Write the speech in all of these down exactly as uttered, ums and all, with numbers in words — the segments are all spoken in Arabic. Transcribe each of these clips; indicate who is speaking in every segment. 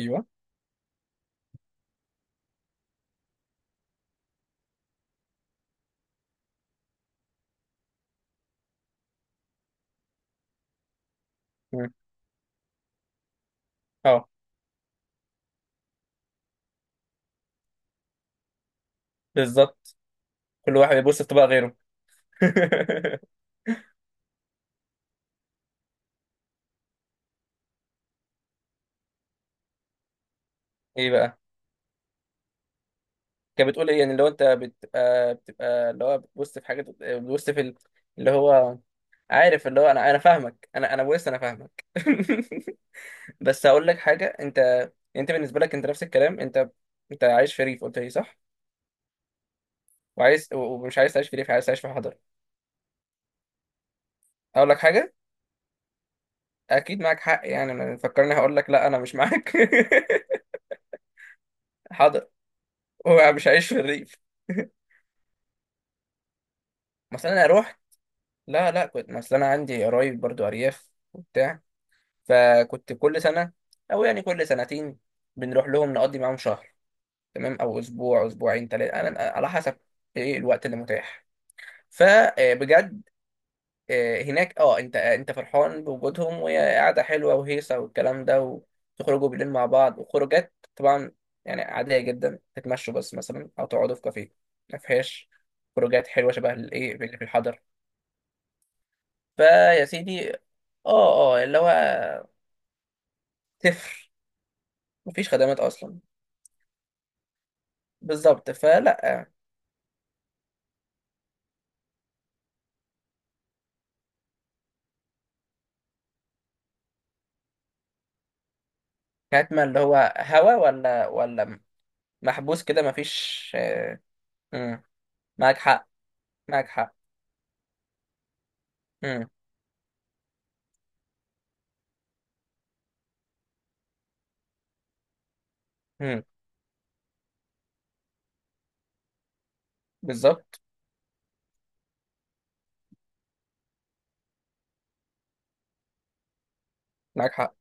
Speaker 1: ايوه. مم. اه، بالظبط. كل واحد بيبص في طبق غيره. ايه بقى؟ كانت بتقول ايه؟ يعني لو انت بتبقى بتبقى اللي هو بتبص في حاجه، بتبص في ال- اللي هو عارف، اللي هو انا انا فاهمك، انا انا بص انا فاهمك. بس هقول لك حاجه، انت انت بالنسبه لك انت نفس الكلام، انت انت عايش في ريف، قلت لي صح؟ وعايز و- ومش عايز تعيش في ريف، عايز تعيش في حضر. اقول لك حاجه، اكيد معاك حق يعني، انا فكرني هقول لك لا انا مش معاك. حاضر، هو مش عايش في الريف. مثلا انا اروح، لا لا، كنت مثلا انا عندي قرايب برضو ارياف وبتاع. فكنت كل سنه، او يعني كل سنتين، بنروح لهم نقضي معاهم شهر، تمام، او اسبوع اسبوعين ثلاثه، انا على حسب ايه الوقت اللي متاح. فبجد هناك، اه انت آه، انت فرحان بوجودهم، وهي قاعده حلوه وهيصه والكلام ده، وتخرجوا بالليل مع بعض وخروجات طبعا، يعني عاديه جدا تتمشوا بس مثلا، او تقعدوا في كافيه. ما فيهاش خروجات حلوه شبه الايه اللي في الحضر. فيا سيدي. اه. اه، اللي هو صفر. مفيش خدمات اصلا. بالظبط فلا، كاتما، اللي هو هوا، ولا ولا محبوس كده، مفيش آه، مم. معاك حق. معاك حق. مم. مم. بالظبط. معاك حق.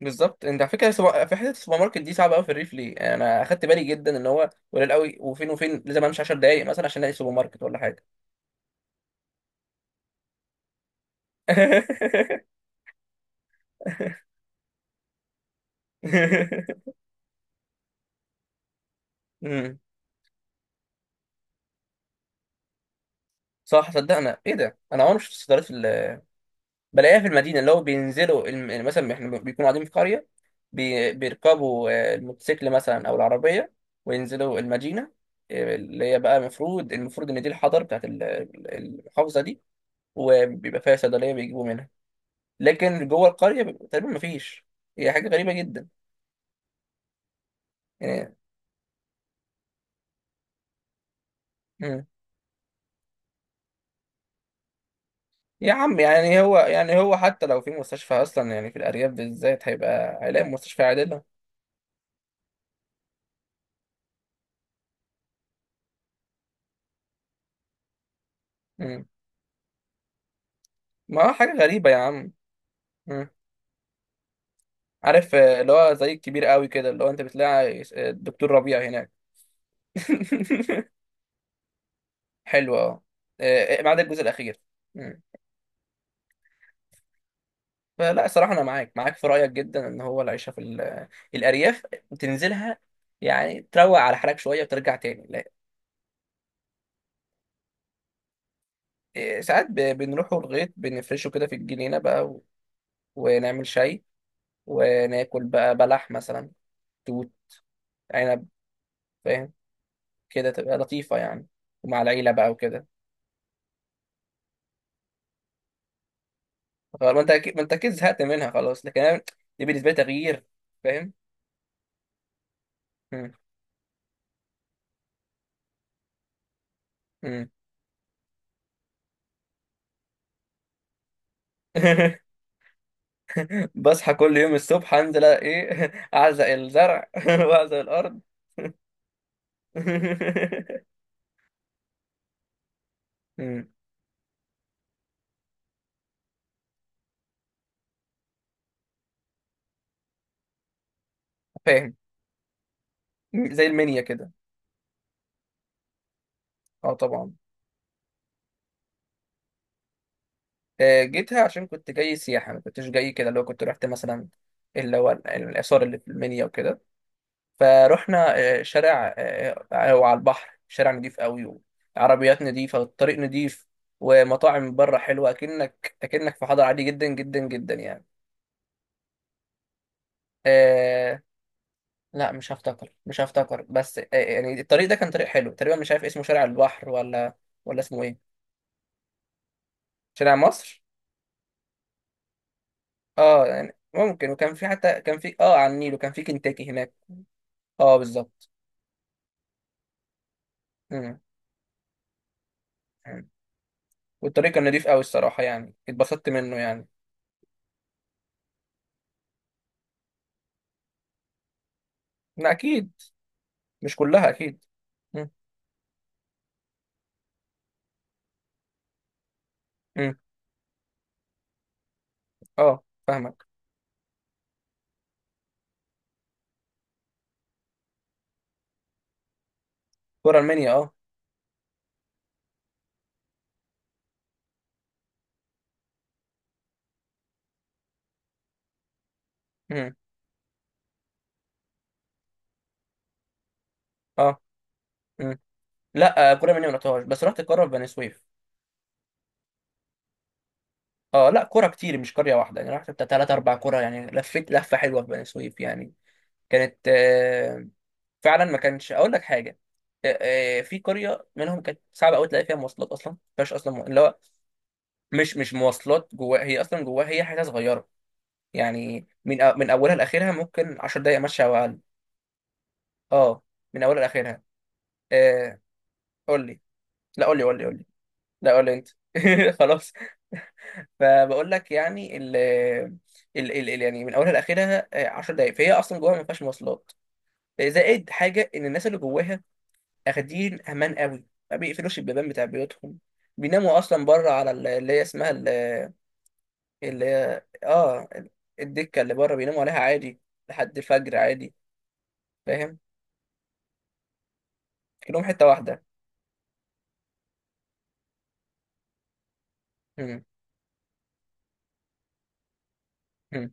Speaker 1: بالظبط. انت على فكره، سو- في حته السوبر ماركت دي صعبه قوي في الريف ليه، يعني انا اخدت بالي جدا ان هو قليل قوي، وفين وفين لازم امشي 10 دقائق مثلا عشان الاقي سوبر ماركت ولا حاجه. مم. صح، صدقنا. ايه ده، انا عمري ما شفت صيدليه بلاقيها في المدينه. اللي هو بينزلوا الم- يعني مثلا احنا بيكونوا قاعدين في قريه، بي- بيركبوا آه، الموتوسيكل مثلا او العربيه وينزلوا المدينه آه، اللي هي بقى المفروض، المفروض ان دي الحضر بتاعت ال- ال- المحافظه دي، وبيبقى فيها صيدليه بيجيبوا منها. لكن جوه القريه بيبقى تقريبا مفيش، هي حاجه غريبه جدا يعني. مم. يا عم يعني هو، يعني هو حتى لو في مستشفى اصلا، يعني في الارياف بالذات هيبقى هيلاقي مستشفى عادله. مم. ما هو حاجه غريبه يا عم. مم. عارف آه، اللي هو زي الكبير قوي كده، اللي هو انت بتلاقي آه، الدكتور ربيع هناك. حلو. اه آه، ما عدا الجزء الاخير. مم. فلا صراحة انا معاك، معاك في رأيك جدا، ان هو العيشة في ال- الارياف تنزلها يعني تروق على حالك شوية وترجع تاني، لا. آه، ساعات ب- بنروحوا الغيط بنفرشه كده في الجنينة بقى، و- ونعمل شاي، وناكل بقى بلح مثلا، توت، عنب، فاهم، كده تبقى لطيفة يعني، ومع العيلة بقى وكده. خلاص، ما انت اكيد، ما انت اكيد زهقت منها خلاص، لكن انا دي بالنسبه لي تغيير. فاهم. مم. مم. بصحى كل يوم الصبح انزل ايه، اعزق الزرع، واعزق الارض. مم. فاهم. زي المنيا كده. اه طبعا. آه، جيتها عشان كنت جاي سياحه، ما كنتش جاي كده، اللي هو كنت رحت مثلا اللي هو ال- الاثار اللي في المنيا وكده. فروحنا آه، شارع آه، آه، وعلى البحر، شارع نضيف قوي، وعربيات نضيفة، والطريق نضيف، ومطاعم من بره حلوة، أكنك أكنك في حضر عادي جدا جدا جدا يعني. آه لا مش هفتكر، مش هفتكر، بس آه يعني الطريق ده كان طريق حلو تقريبا، مش عارف اسمه شارع البحر، ولا ولا اسمه ايه. شارع مصر. اه يعني ممكن، وكان في، حتى كان في اه على النيل، وكان في كنتاكي هناك. اه بالظبط. مم. مم. والطريق كان نضيف قوي الصراحة يعني، اتبسطت منه يعني. لا، أكيد. مش كلها اكيد. مم. مم. اه فاهمك. كرة المنيا، اه. مم. اه. مم. لا، آه، كرة المنيا ما رحتهاش، بس رحت القرى في بني سويف. اه لا، كرة كتير مش قرية واحدة يعني، رحت بتاع تلات أربع كرة يعني، لفيت لفة حلوة في بني سويف يعني. كانت آه، فعلا ما كانش، أقول لك حاجة آه، آه، في قرية منهم كانت صعبة أوي، تلاقي فيها مواصلات أصلا ما فيهاش أصلا، مو- اللي هو مش مش مواصلات جواها، هي أصلا جواها هي حتة صغيرة يعني، من أ- من أولها لآخرها ممكن 10 دقايق مشي أو أقل. اه، من أولها لآخرها آه، قول لي. لا قول لي، قول لي، قول لي. لا قول لي انت. خلاص. فبقول لك يعني ال ال ال ال- يعني من اولها لاخرها آه، 10 دقائق، فهي اصلا جواها ما فيهاش مواصلات آه، زائد حاجه ان الناس اللي جواها اخدين امان قوي، ما بيقفلوش البيبان بتاع بيوتهم، بيناموا اصلا بره على ال- اللي هي اسمها ال- اللي هي اه الدكه اللي بره، بيناموا عليها عادي لحد الفجر عادي. فاهم، كلهم حته واحده. مم. مم.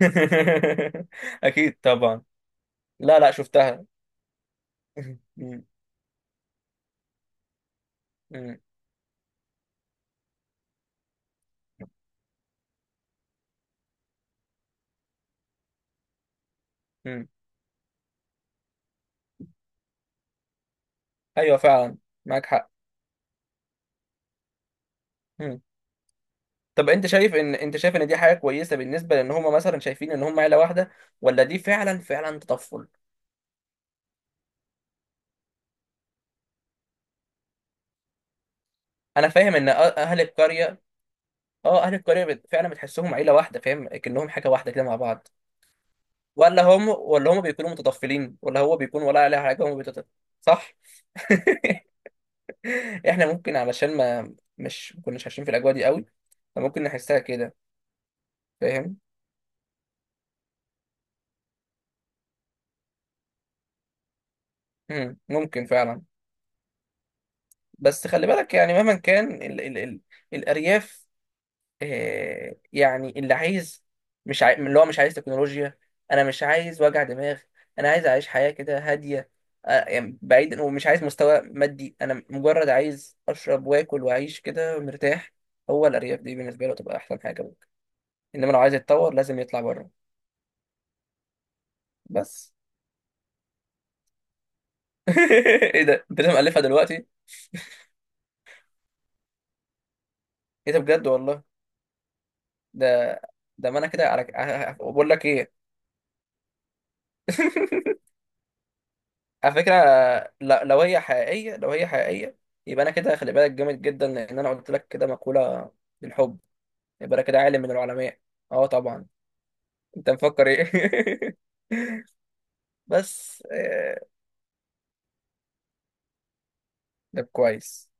Speaker 1: اكيد طبعا. لا لا، شفتها. مم. مم. ايوه فعلا. معاك حق. مم. طب انت شايف ان، انت شايف ان دي حاجه كويسه بالنسبه لان هم مثلا شايفين ان هم عيله واحده، ولا دي فعلا فعلا تطفل؟ انا فاهم ان أ- اهل القريه، اه اهل القريه بت- فعلا بتحسهم عيله واحده فاهم، كأنهم حاجه واحده كده مع بعض. ولا هم، ولا هم بيكونوا متطفلين، ولا هو بيكون، ولا عليها حاجه هم بيتطفل؟ صح. احنا ممكن علشان ما مش ما كناش عايشين في الاجواء دي قوي، فممكن نحسها كده، فاهم. مم. ممكن فعلا. بس خلي بالك يعني، مهما كان ال ال ال الأرياف، آه، يعني اللي عايز، مش عاي... اللي هو مش عايز تكنولوجيا، انا مش عايز وجع دماغ، انا عايز اعيش حياة كده هادية، آه، يعني بعيدا، ومش عايز مستوى مادي، انا مجرد عايز اشرب واكل واعيش كده مرتاح، هو الارياف دي بالنسبة له تبقى احسن حاجة ممكن، انما لو عايز يتطور لازم يطلع بره. بس. ايه ده، انت لازم الفها دلوقتي؟ ايه ده بجد والله، ده ده ما انا كده، على ه- ه- بقول لك ايه. على فكرة، ل- لو هي حقيقية، لو هي حقيقية، يبقى أنا كده خلي بالك، جامد جدا، لأن أنا قلت لك كده مقولة بالحب، يبقى أنا كده عالم من العلماء. أه طبعا، أنت مفكر إيه؟ بس آه، ده كويس.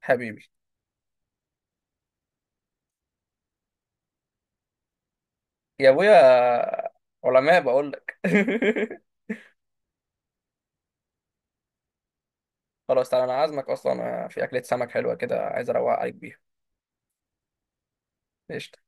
Speaker 1: حبيبي. يا أبويا، علماء بقول لك. خلاص تعالى، أنا عازمك أصلا في أكلة سمك حلوة كده، عايز أروق عليك بيها. قشطة.